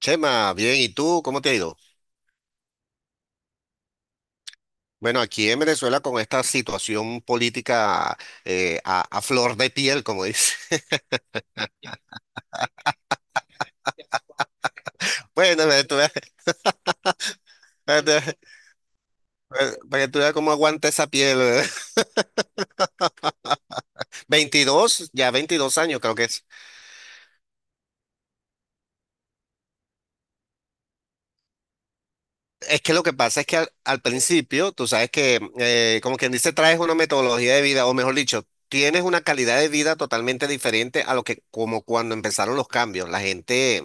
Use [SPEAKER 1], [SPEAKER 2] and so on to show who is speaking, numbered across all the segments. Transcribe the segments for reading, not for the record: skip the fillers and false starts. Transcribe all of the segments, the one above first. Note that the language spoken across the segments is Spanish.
[SPEAKER 1] Chema, bien, ¿y tú cómo te ha ido? Bueno, aquí en Venezuela con esta situación política a flor de piel, como dice. Bueno, para que tú para que tú veas cómo aguanta esa piel. ¿Verdad? 22, ya 22 años creo que es. Es que lo que pasa es que al principio, tú sabes que, como quien dice, traes una metodología de vida, o mejor dicho, tienes una calidad de vida totalmente diferente a lo que como cuando empezaron los cambios. La gente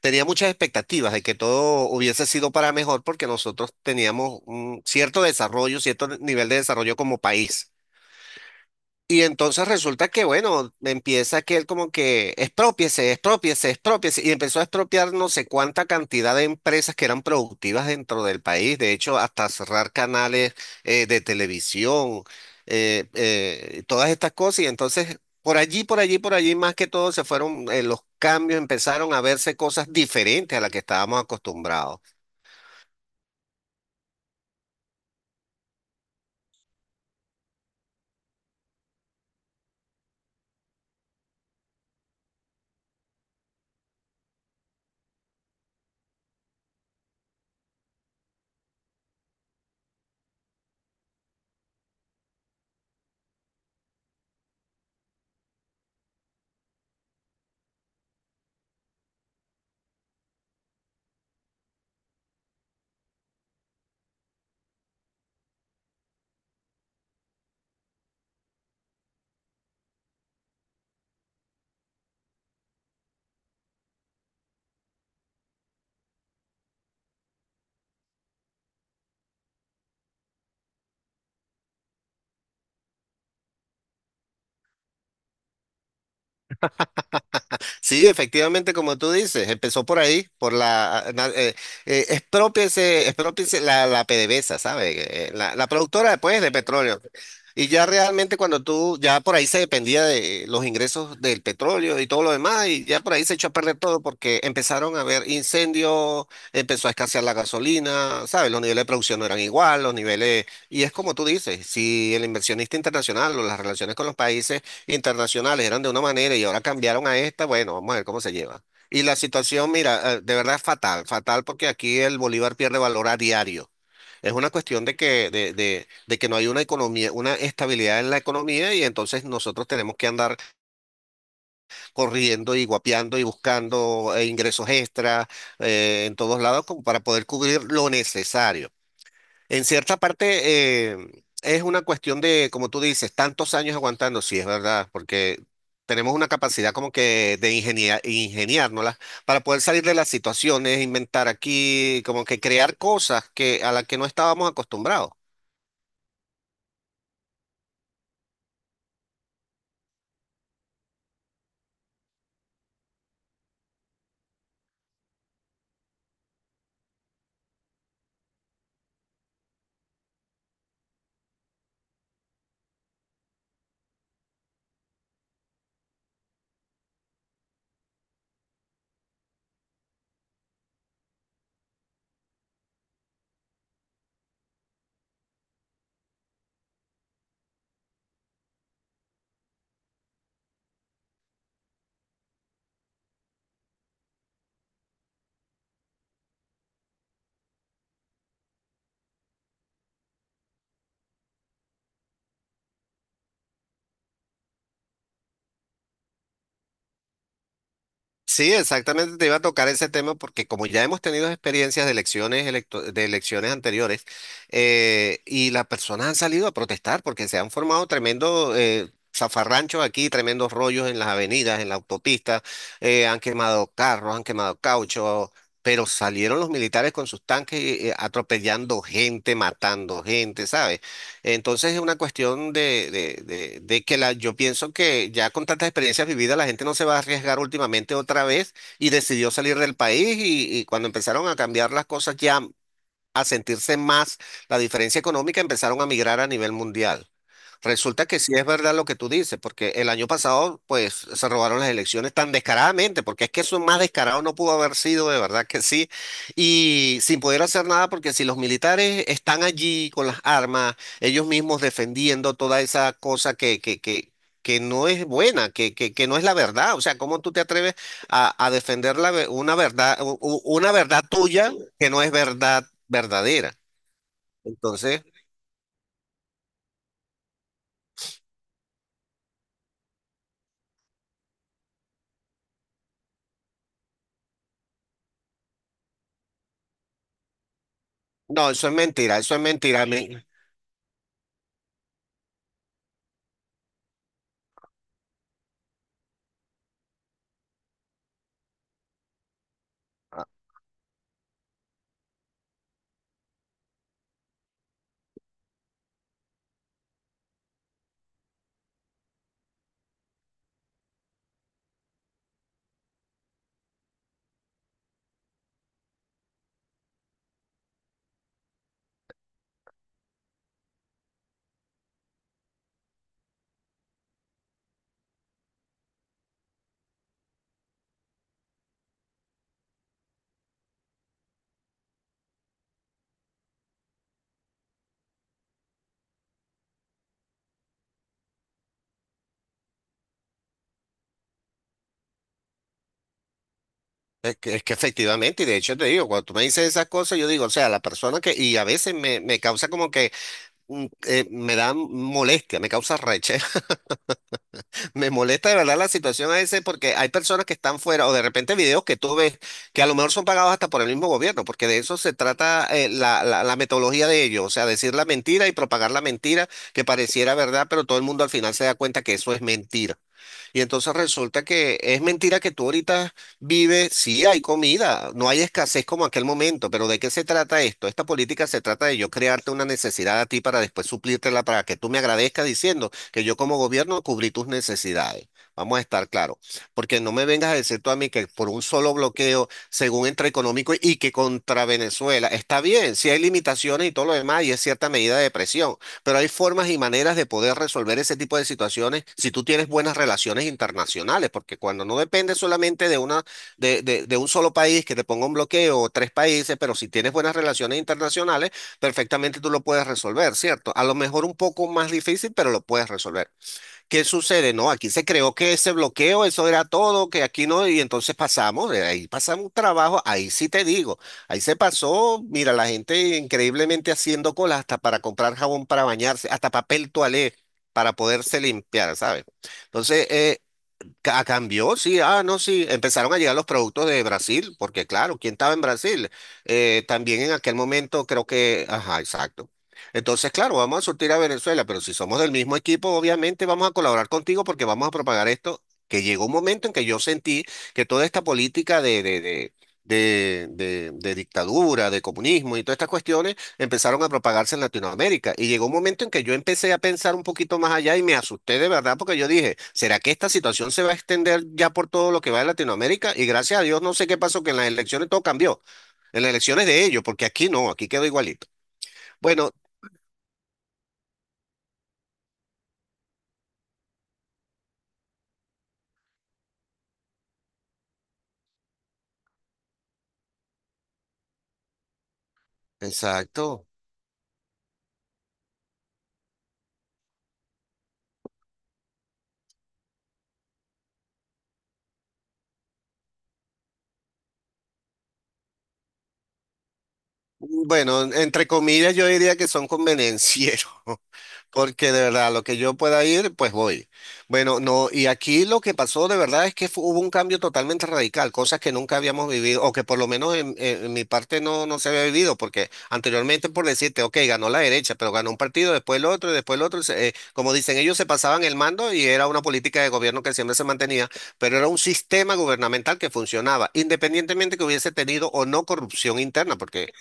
[SPEAKER 1] tenía muchas expectativas de que todo hubiese sido para mejor porque nosotros teníamos un cierto desarrollo, cierto nivel de desarrollo como país. Y entonces resulta que, bueno, empieza que él como que expropiese, expropiese, expropiese, y empezó a expropiar no sé cuánta cantidad de empresas que eran productivas dentro del país. De hecho, hasta cerrar canales de televisión, todas estas cosas, y entonces por allí, por allí, por allí, más que todo se fueron los cambios, empezaron a verse cosas diferentes a las que estábamos acostumbrados. Sí, efectivamente, como tú dices, empezó por ahí, por la, exprópiese, exprópiese la PDVSA, ¿sabes? La productora, pues, de petróleo. Y ya realmente ya por ahí se dependía de los ingresos del petróleo y todo lo demás, y ya por ahí se echó a perder todo porque empezaron a haber incendios, empezó a escasear la gasolina, ¿sabes? Los niveles de producción no eran igual, los niveles, y es como tú dices, si el inversionista internacional o las relaciones con los países internacionales eran de una manera y ahora cambiaron a esta, bueno, vamos a ver cómo se lleva. Y la situación, mira, de verdad es fatal, fatal, porque aquí el bolívar pierde valor a diario. Es una cuestión de que no hay una economía, una estabilidad en la economía, y entonces nosotros tenemos que andar corriendo y guapeando y buscando ingresos extra en todos lados como para poder cubrir lo necesario. En cierta parte es una cuestión de, como tú dices, tantos años aguantando, sí, es verdad, porque tenemos una capacidad como que de ingeniárnoslas para poder salir de las situaciones, inventar aquí, como que crear cosas que, a las que no estábamos acostumbrados. Sí, exactamente te iba a tocar ese tema porque como ya hemos tenido experiencias de elecciones, de elecciones anteriores, y las personas han salido a protestar porque se han formado tremendos zafarranchos aquí, tremendos rollos en las avenidas, en la autopista, han quemado carros, han quemado caucho, pero salieron los militares con sus tanques atropellando gente, matando gente, ¿sabes? Entonces es una cuestión de que yo pienso que ya con tantas experiencias vividas la gente no se va a arriesgar últimamente otra vez y decidió salir del país, y cuando empezaron a cambiar las cosas ya a sentirse más la diferencia económica, empezaron a migrar a nivel mundial. Resulta que sí es verdad lo que tú dices, porque el año pasado, pues, se robaron las elecciones tan descaradamente, porque es que eso más descarado no pudo haber sido, de verdad que sí, y sin poder hacer nada, porque si los militares están allí con las armas, ellos mismos defendiendo toda esa cosa que no es buena, que no es la verdad. O sea, ¿cómo tú te atreves a defender una verdad, una verdad tuya que no es verdad verdadera? Entonces, no, eso es mentira, eso es mentira. Es que efectivamente, y de hecho te digo, cuando tú me dices esas cosas, yo digo, o sea, la persona que, y a veces me causa como que me da molestia, me causa rechazo, me molesta de verdad la situación a veces porque hay personas que están fuera, o de repente videos que tú ves que a lo mejor son pagados hasta por el mismo gobierno, porque de eso se trata la metodología de ellos. O sea, decir la mentira y propagar la mentira que pareciera verdad, pero todo el mundo al final se da cuenta que eso es mentira. Y entonces resulta que es mentira que tú ahorita vives, sí hay comida, no hay escasez como aquel momento, pero ¿de qué se trata esto? Esta política se trata de yo crearte una necesidad a ti para después suplírtela para que tú me agradezcas diciendo que yo como gobierno cubrí tus necesidades. Vamos a estar claros, porque no me vengas a decir tú a mí que por un solo bloqueo, según entre económico y que contra Venezuela, está bien, si hay limitaciones y todo lo demás, y es cierta medida de presión, pero hay formas y maneras de poder resolver ese tipo de situaciones si tú tienes buenas relaciones internacionales, porque cuando no depende solamente de una, de un solo país que te ponga un bloqueo, o tres países, pero si tienes buenas relaciones internacionales, perfectamente tú lo puedes resolver, ¿cierto? A lo mejor un poco más difícil, pero lo puedes resolver. ¿Qué sucede? No, aquí se creó que ese bloqueo, eso era todo, que aquí no, y entonces pasamos, ahí pasamos un trabajo, ahí sí te digo, ahí se pasó, mira, la gente increíblemente haciendo cola hasta para comprar jabón para bañarse, hasta papel toalé para poderse limpiar, ¿sabes? Entonces, cambió, sí, ah, no, sí, empezaron a llegar los productos de Brasil, porque claro, ¿quién estaba en Brasil? También en aquel momento creo que, ajá, exacto. Entonces, claro, vamos a surtir a Venezuela, pero si somos del mismo equipo, obviamente vamos a colaborar contigo porque vamos a propagar esto, que llegó un momento en que yo sentí que toda esta política de dictadura, de comunismo y todas estas cuestiones empezaron a propagarse en Latinoamérica. Y llegó un momento en que yo empecé a pensar un poquito más allá y me asusté de verdad porque yo dije, ¿será que esta situación se va a extender ya por todo lo que va de Latinoamérica? Y gracias a Dios no sé qué pasó, que en las elecciones todo cambió. En las elecciones de ellos, porque aquí no, aquí quedó igualito. Bueno, exacto. Bueno, entre comillas yo diría que son convenencieros, porque de verdad lo que yo pueda ir, pues voy. Bueno, no, y aquí lo que pasó de verdad es que hubo un cambio totalmente radical, cosas que nunca habíamos vivido, o que por lo menos en, en mi parte no se había vivido, porque anteriormente por decirte, ok, ganó la derecha, pero ganó un partido, después el otro, y después el otro, como dicen, ellos se pasaban el mando y era una política de gobierno que siempre se mantenía, pero era un sistema gubernamental que funcionaba, independientemente que hubiese tenido o no corrupción interna, porque…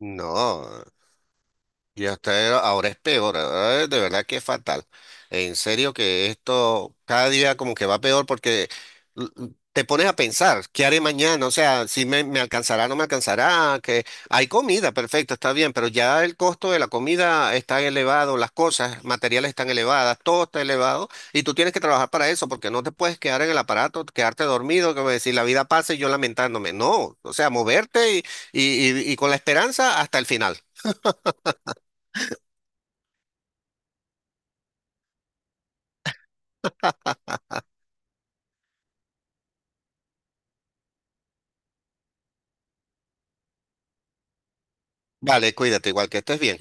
[SPEAKER 1] No, y hasta ahora es peor, ahora es de verdad que es fatal. En serio que esto cada día como que va peor porque te pones a pensar, ¿qué haré mañana? O sea, si me alcanzará, no me alcanzará, que hay comida, perfecto, está bien, pero ya el costo de la comida está elevado, las cosas materiales están elevadas, todo está elevado, y tú tienes que trabajar para eso porque no te puedes quedar en el aparato, quedarte dormido, que decir, la vida pasa y yo lamentándome. No, o sea, moverte y, y con la esperanza hasta el final. Vale, cuídate, igual que estés bien.